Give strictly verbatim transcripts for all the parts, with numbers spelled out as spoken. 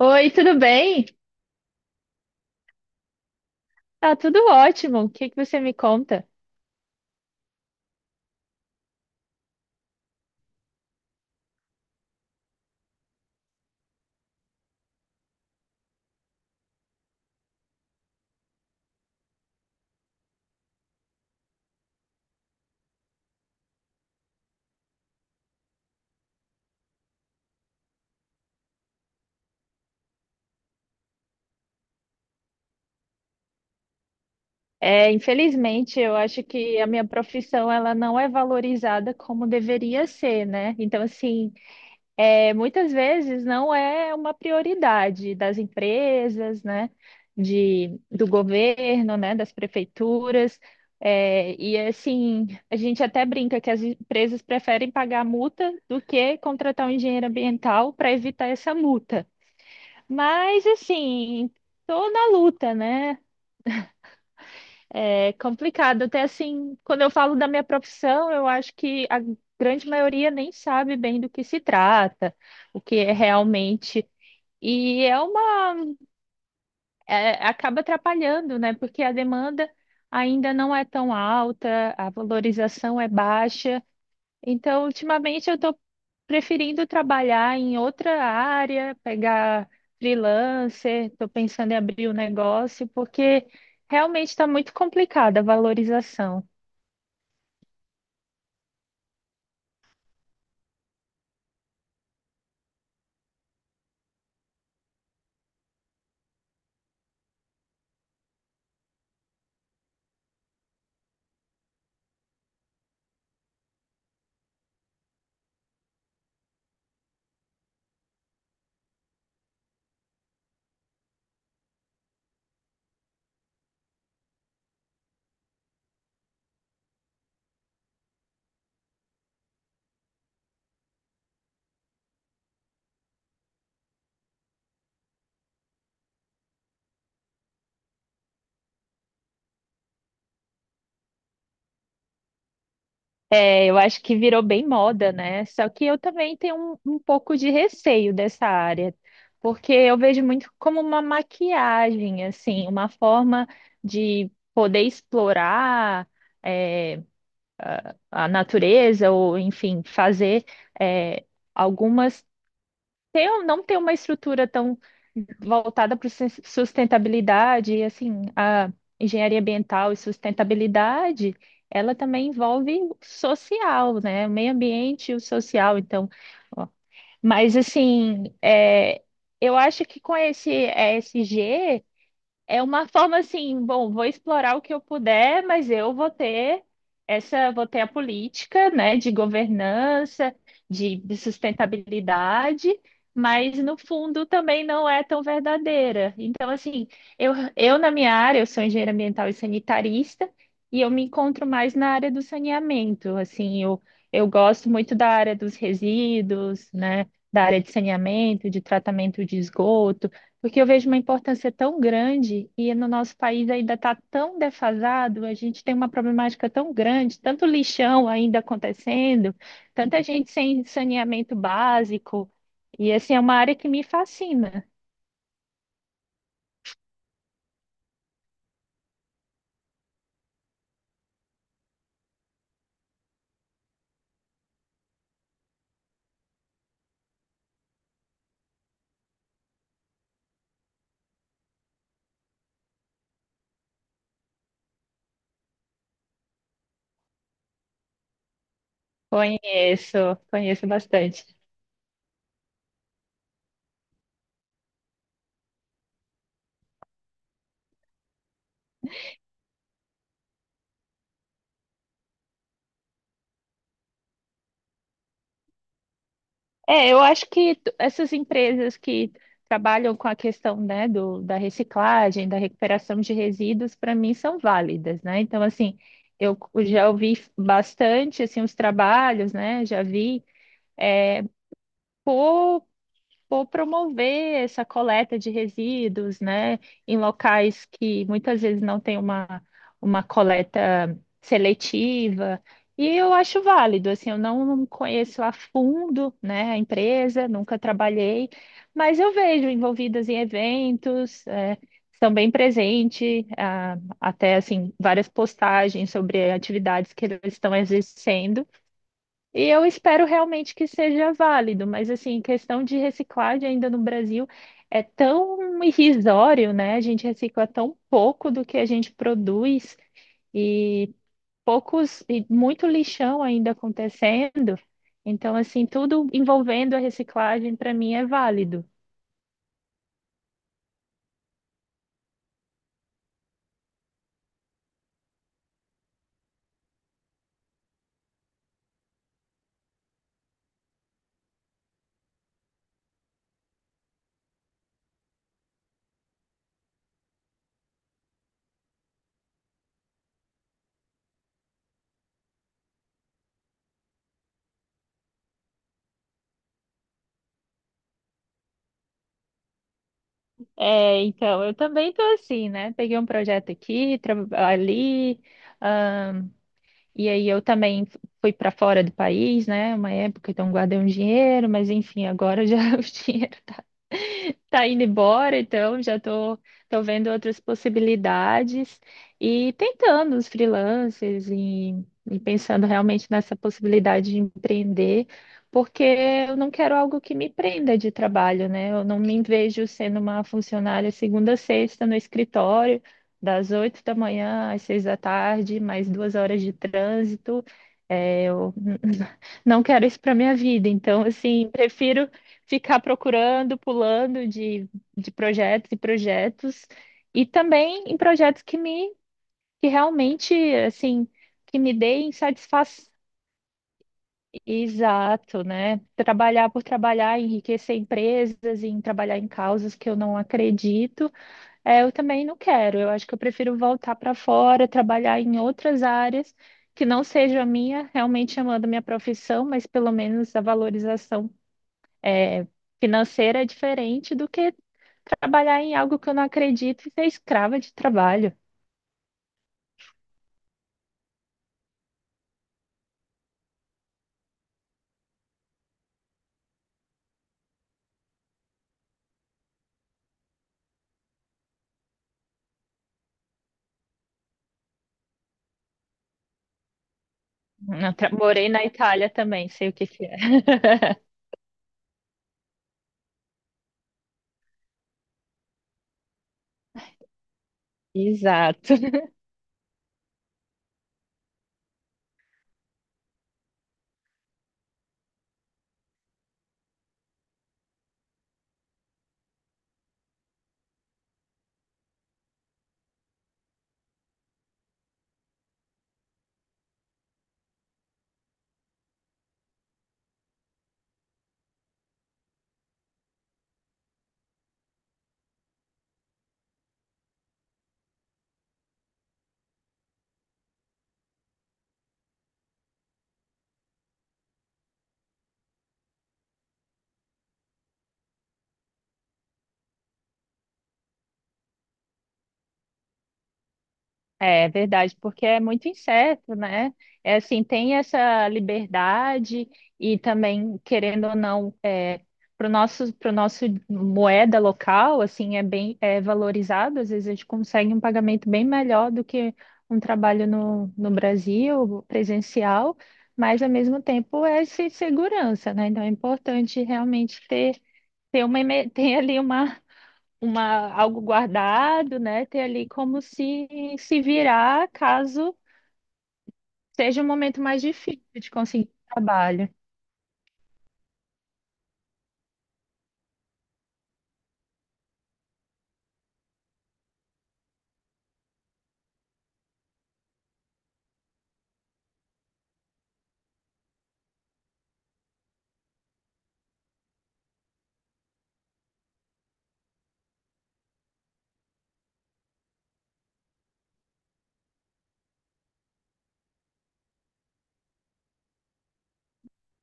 Oi, tudo bem? Tá tudo ótimo. O que que você me conta? É, infelizmente, eu acho que a minha profissão ela não é valorizada como deveria ser, né? Então, assim, é, muitas vezes não é uma prioridade das empresas, né? De, do governo, né? Das prefeituras. É, e assim, a gente até brinca que as empresas preferem pagar multa do que contratar um engenheiro ambiental para evitar essa multa. Mas assim, tô na luta, né? É complicado. Até assim, quando eu falo da minha profissão, eu acho que a grande maioria nem sabe bem do que se trata, o que é realmente. E é uma, é- Acaba atrapalhando, né? Porque a demanda ainda não é tão alta, a valorização é baixa. Então, ultimamente eu estou preferindo trabalhar em outra área, pegar freelancer, estou pensando em abrir um negócio, porque realmente está muito complicada a valorização. É, eu acho que virou bem moda, né? Só que eu também tenho um, um pouco de receio dessa área, porque eu vejo muito como uma maquiagem, assim, uma forma de poder explorar. é, a natureza, ou enfim, fazer é, algumas. Ter, ou não ter uma estrutura tão voltada para sustentabilidade, e assim, a engenharia ambiental e sustentabilidade, ela também envolve o social, né? O meio ambiente e o social. Então, ó. mas assim, é, eu acho que com esse E S G é uma forma assim, bom, vou explorar o que eu puder, mas eu vou ter essa, vou ter a política, né, de governança, de, de sustentabilidade, mas no fundo também não é tão verdadeira. Então, assim, eu, eu na minha área, eu sou engenheira ambiental e sanitarista, e eu me encontro mais na área do saneamento. Assim, eu, eu gosto muito da área dos resíduos, né, da área de saneamento, de tratamento de esgoto. Porque eu vejo uma importância tão grande e no nosso país ainda está tão defasado, a gente tem uma problemática tão grande, tanto lixão ainda acontecendo, tanta gente sem saneamento básico. E assim, é uma área que me fascina. Conheço, conheço bastante. É, eu acho que t- essas empresas que trabalham com a questão, né, do, da reciclagem, da recuperação de resíduos, para mim são válidas, né? Então, assim, eu já ouvi bastante, assim, os trabalhos, né? Já vi por promover essa coleta de resíduos, né, em locais que muitas vezes não tem uma, uma coleta seletiva. E eu acho válido, assim, eu não conheço a fundo, né, a empresa, nunca trabalhei, mas eu vejo envolvidas em eventos, é, estão bem presentes, até, assim, várias postagens sobre atividades que eles estão exercendo. E eu espero realmente que seja válido, mas assim, questão de reciclagem ainda no Brasil é tão irrisório, né? A gente recicla tão pouco do que a gente produz e poucos e muito lixão ainda acontecendo. Então, assim, tudo envolvendo a reciclagem para mim é válido. É, então, eu também tô assim, né? Peguei um projeto aqui, tra- ali. E aí eu também f- fui para fora do país, né? Uma época, então guardei um dinheiro, mas enfim, agora já os dinhe- Tá indo embora, então já tô, tô vendo outras possibilidades e tentando os freelancers e, e pensando realmente nessa possibilidade de empreender, porque eu não quero algo que me prenda de trabalho, né? Eu não me vejo sendo uma funcionária segunda a sexta no escritório, das oito da manhã às seis da tarde, mais duas horas de trânsito. É, eu não quero isso para minha vida, então assim, prefiro ficar procurando, pulando de, de projetos e projetos, e também em projetos que me que realmente assim que me deem satisfação. Exato, né? Trabalhar por trabalhar, enriquecer empresas, em trabalhar em causas que eu não acredito, é, eu também não quero. Eu acho que eu prefiro voltar para fora, trabalhar em outras áreas que não seja a minha, realmente amando a minha profissão, mas pelo menos a valorização é, financeira é diferente do que trabalhar em algo que eu não acredito e ser escrava de trabalho. Eu tra- morei na Itália também, sei o que que é. Exato. É verdade, porque é muito incerto, né? É assim, tem essa liberdade e também, querendo ou não, é, para o nosso, pro nosso moeda local, assim, é bem é valorizado. Às vezes a gente consegue um pagamento bem melhor do que um trabalho no, no Brasil, presencial, mas ao mesmo tempo é essa segurança, né? Então é importante realmente ter, ter uma, eme- ter ali uma uma, algo guardado, né? Ter ali como se se virar caso seja um momento mais difícil de conseguir trabalho.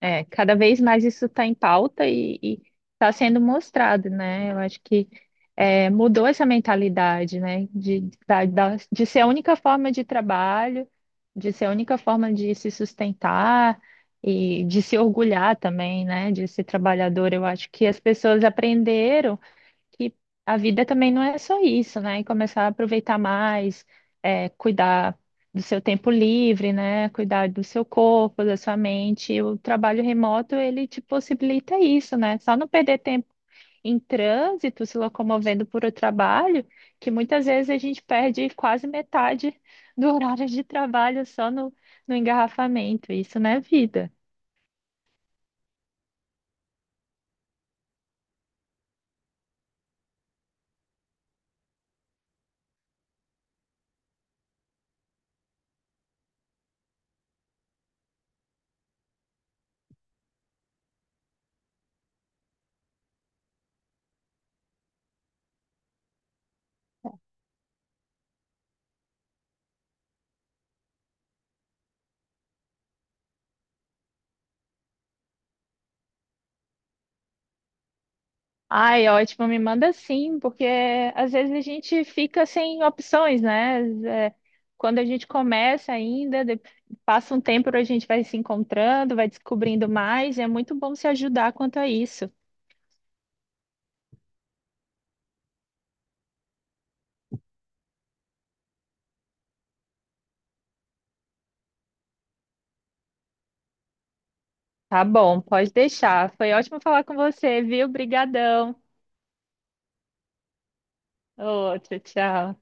É, cada vez mais isso está em pauta e está sendo mostrado, né? Eu acho que é, mudou essa mentalidade, né? De, da, da- de ser a única forma de trabalho, de ser a única forma de se sustentar. E de se orgulhar também, né, de ser trabalhador. Eu acho que as pessoas aprenderam que a vida também não é só isso, né? E começar a aproveitar mais, é, cuidar do seu tempo livre, né? Cuidar do seu corpo, da sua mente. E o trabalho remoto, ele te possibilita isso, né? Só não perder tempo em trânsito, se locomovendo por o trabalho, que muitas vezes a gente perde quase metade do horário de trabalho só no, no engarrafamento. Isso não é vida. Ai, ótimo, me manda sim, porque às vezes a gente fica sem opções, né? É, quando a gente começa ainda, de- passa um tempo, a gente vai se encontrando, vai descobrindo mais, e é muito bom se ajudar quanto a isso. Tá bom, pode deixar. Foi ótimo falar com você, viu? Brigadão. Ô, tchau, tchau.